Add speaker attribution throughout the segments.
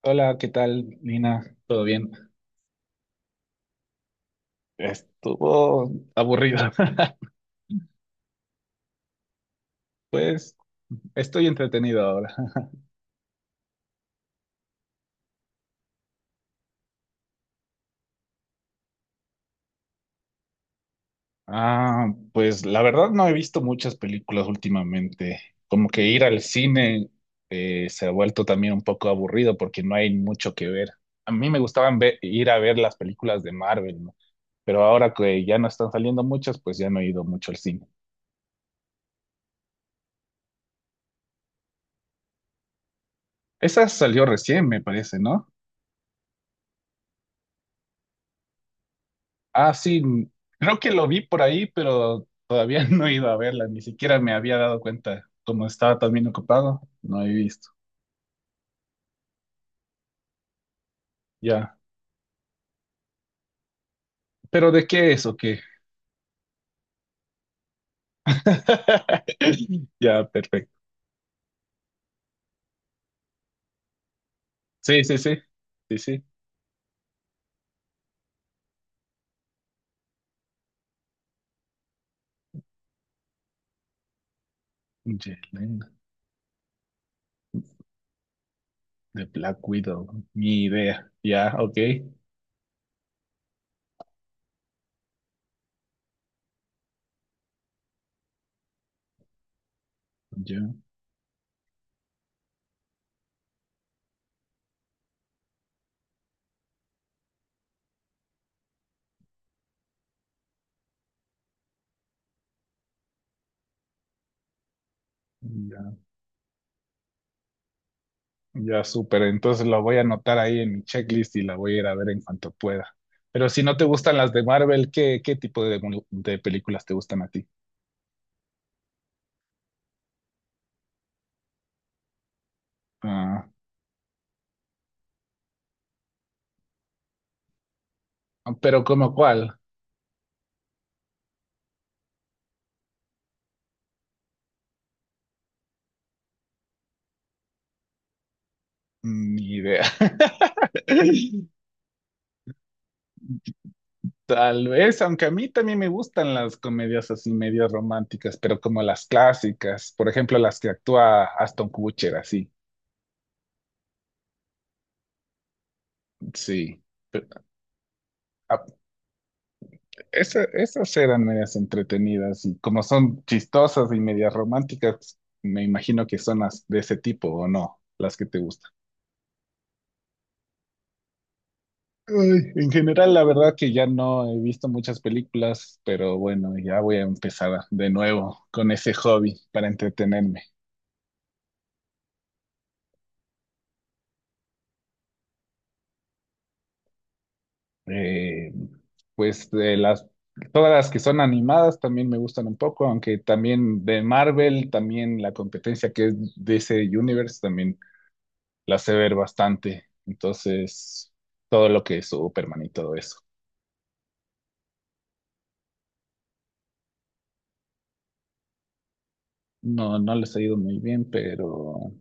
Speaker 1: Hola, ¿qué tal, Nina? ¿Todo bien? Estuvo aburrido. Pues estoy entretenido ahora. Ah, pues la verdad no he visto muchas películas últimamente. Como que ir al cine se ha vuelto también un poco aburrido porque no hay mucho que ver. A mí me gustaban ir a ver las películas de Marvel, ¿no? Pero ahora que ya no están saliendo muchas, pues ya no he ido mucho al cine. Esa salió recién, me parece, ¿no? Ah, sí, creo que lo vi por ahí, pero todavía no he ido a verla, ni siquiera me había dado cuenta. Como estaba también ocupado, no he visto. Ya. ¿Pero de qué es o qué? Ya, perfecto. Sí, sí, sí. Sí, sí. Yelena, de Black Widow. Mi idea. Ya, ok. Ya, ya. Ya, súper. Entonces la voy a anotar ahí en mi checklist y la voy a ir a ver en cuanto pueda. Pero si no te gustan las de Marvel, ¿qué, qué tipo de, de películas te gustan a ti? Ah, pero ¿como cuál? Ni idea. Tal vez, aunque a mí también me gustan las comedias así medio románticas, pero como las clásicas, por ejemplo, las que actúa Aston Kutcher, así, sí. Pe- a- esas eran medias entretenidas y como son chistosas y medias románticas, me imagino que son las de ese tipo o no, las que te gustan. Ay, en general, la verdad que ya no he visto muchas películas, pero bueno, ya voy a de nuevo con ese hobby para entretenerme. Eh, pues todas las que son animadas también me gustan un poco, aunque también de Marvel, también la competencia que es DC Universe, también la sé ver bastante. Entonces, todo lo que es Superman y todo eso. No, no les ha ido muy bien, pero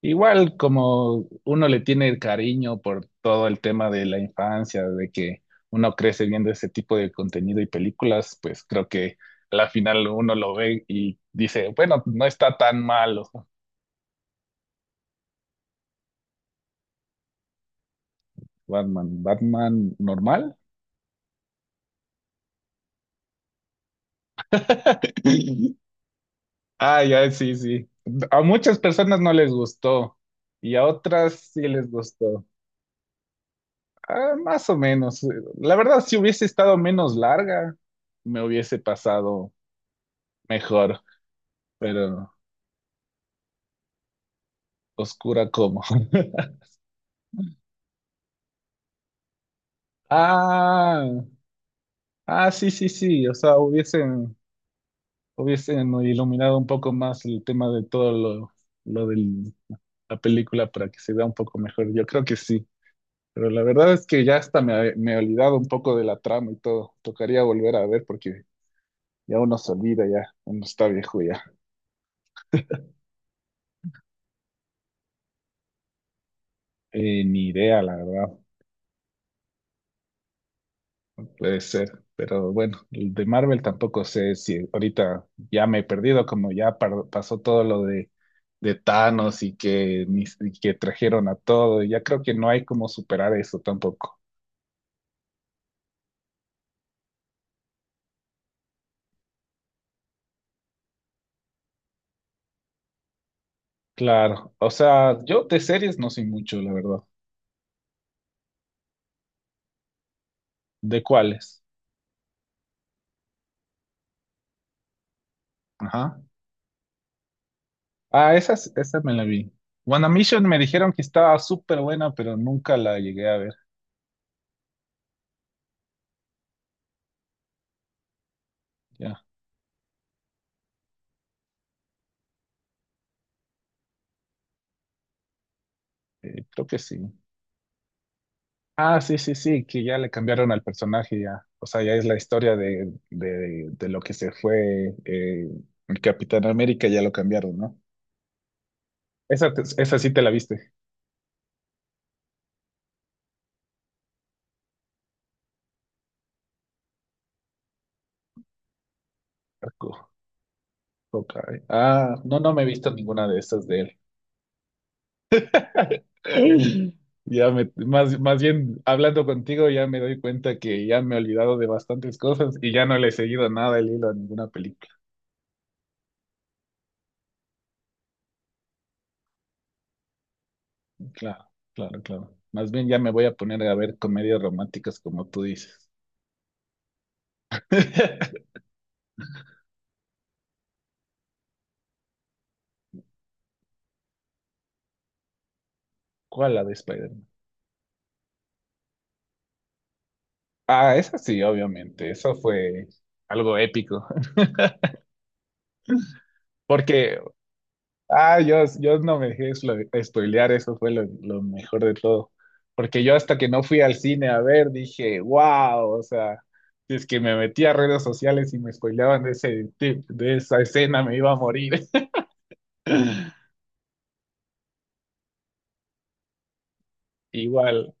Speaker 1: igual como uno le tiene el cariño por todo el tema de la infancia, de que uno crece viendo ese tipo de contenido y películas, pues creo que a la final uno lo ve y dice, bueno, no está tan malo. Batman, Batman normal. Ah, ya, sí, sí. A muchas personas no les gustó y a otras sí les gustó. Ah, más o menos. La verdad, si hubiese estado menos larga, me hubiese pasado mejor. Pero oscura como. Ah, ah, sí, sí, sí. O sea, hubiesen, hubiesen iluminado un poco más el tema de todo lo, lo de la película para que se vea un poco mejor. Yo creo que sí. Pero la verdad es que ya hasta me he olvidado un poco de la trama y todo. Tocaría volver a ver porque ya uno se olvida, ya uno está viejo ya. Ni idea, la verdad. Puede ser. Pero bueno, el de Marvel tampoco sé si ahorita ya me he perdido, como ya pasó todo lo de Thanos y que, y que trajeron a todo. Ya creo que no hay como superar eso tampoco. Claro, o sea, yo de series no sé mucho, la verdad. ¿De cuáles? Ajá. Ah, esa, esa me la vi. WandaVision me dijeron que estaba súper buena, pero nunca la llegué a ver. Ya, creo que sí. Ah, sí, sí, sí, que ya le cambiaron al personaje ya. O sea, ya es la historia de, de lo que se fue el Capitán América, ya lo cambiaron, ¿no? Esa, esa sí te la viste. Hawkeye. Ah, no, no me he visto ninguna de estas de él. Ya me, más bien hablando contigo, ya me doy cuenta que ya me he olvidado de bastantes cosas y ya no le he seguido nada el hilo a ninguna película. Claro, claro, claro. Más bien ya me voy a poner a ver comedias románticas como tú dices. ¿Cuál la de Spider-Man? Ah, esa sí, obviamente. Eso fue algo épico. Porque ah, yo no me dejé spoilear, eso fue lo mejor de todo. Porque yo hasta que no fui al cine a ver, dije, wow, o sea, si es que me metí a redes sociales y me spoileaban de ese tip, de esa escena, me iba a morir. Igual,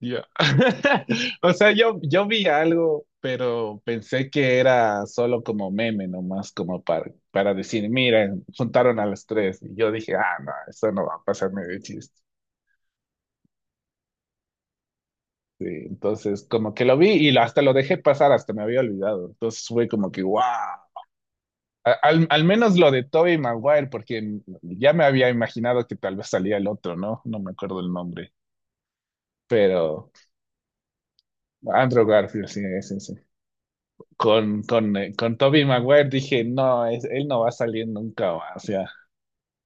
Speaker 1: yo. O sea, yo vi algo, pero pensé que era solo como meme, nomás como para decir, miren, juntaron a los tres. Y yo dije, ah, no, eso no va a pasarme de chiste. Sí, entonces como que lo vi y hasta lo dejé pasar, hasta me había olvidado. Entonces fue como que, wow. Al menos lo de Tobey Maguire, porque ya me había imaginado que tal vez salía el otro, ¿no? No me acuerdo el nombre, pero Andrew Garfield, sí, sí, sí. Con, con Tobey Maguire dije, no, él no va a salir nunca, más, o sea,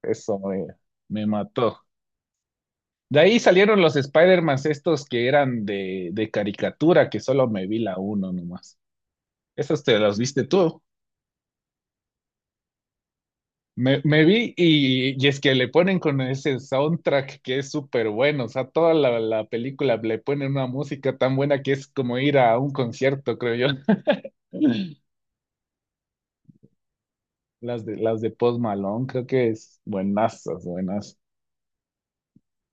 Speaker 1: eso me, me mató. De ahí salieron los Spider-Man estos que eran de caricatura, que solo me vi la uno nomás. ¿Esos te los viste tú? Me vi y es que le ponen con ese soundtrack que es súper bueno, o sea, toda la, la película le ponen una música tan buena que es como ir a un concierto, creo yo. Las de Post Malone, creo que es buenazas, buenas.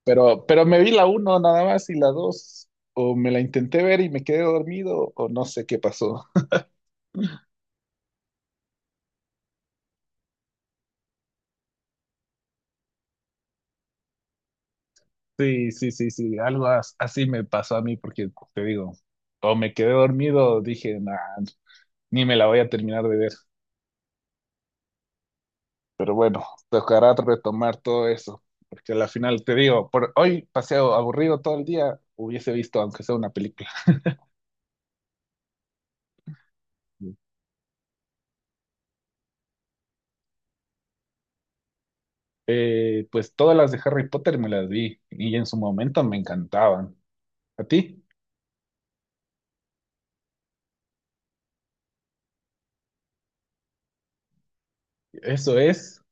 Speaker 1: Pero me vi la uno nada más y la dos, o me la intenté ver y me quedé dormido, o no sé qué pasó. Sí, sí, sí, sí, algo así me pasó a mí porque te digo, o me quedé dormido, dije, nah, ni me la voy a terminar de ver. Pero bueno, tocará retomar todo eso, porque al final te digo, por hoy paseo aburrido todo el día, hubiese visto aunque sea una película. Pues todas las de Harry Potter me las vi y en su momento me encantaban. ¿A ti? Eso es.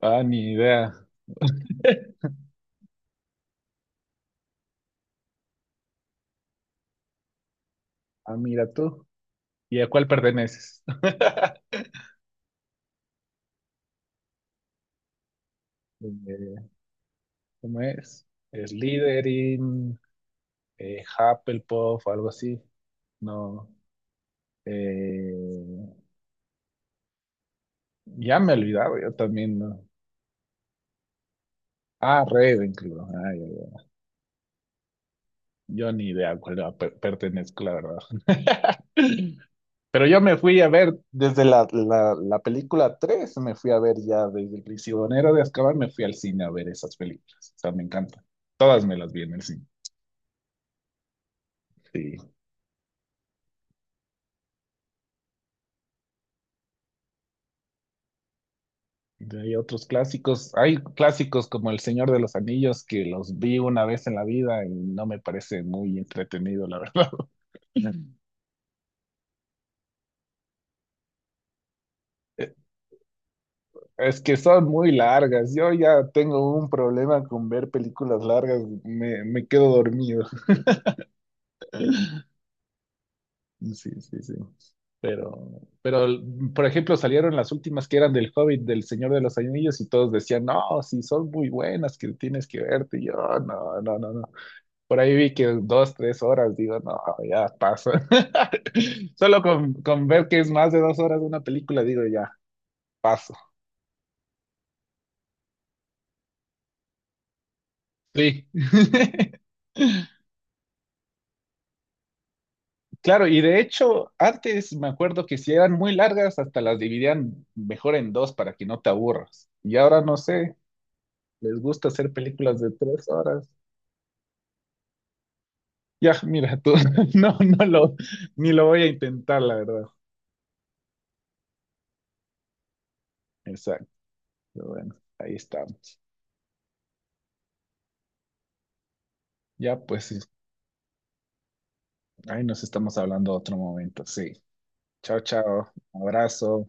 Speaker 1: Ah, ni idea. Ah, mira tú. ¿Y a cuál perteneces? Eh, ¿Cómo es? Slytherin, Hufflepuff, algo así. No. eh, ya me he olvidado, yo también, ¿no? Ah, Ravenclaw. Ay, ay, ay. Yo ni idea a cuál pertenezco, la verdad. Pero yo me fui a ver desde la, la película 3, me fui a ver ya desde El Prisionero de Azkaban, me fui al cine a ver esas películas. O sea, me encanta. Todas me las vi en el cine. Sí. Y hay otros clásicos. Hay clásicos como El Señor de los Anillos que los vi una vez en la vida y no me parece muy entretenido, la verdad. Es que son muy largas. Yo ya tengo un problema con ver películas largas. Me quedo dormido. Sí, sí, sí. Pero, por ejemplo, salieron las últimas que eran del Hobbit, del Señor de los Anillos, y todos decían, no, sí, son muy buenas, que tienes que verte. Y yo, no, no, no, no. Por ahí vi que 2, 3 horas, digo, no, ya paso. Solo con ver que es más de 2 horas de una película, digo, ya, paso. Sí. Claro, y de hecho, antes me acuerdo que si eran muy largas, hasta las dividían mejor en dos para que no te aburras. Y ahora no sé, les gusta hacer películas de 3 horas. Ya, mira, tú, no, ni lo voy a intentar, la verdad. Exacto, pero bueno, ahí estamos. Ya, pues, sí, ahí nos estamos hablando otro momento, sí. Chao, chao, abrazo.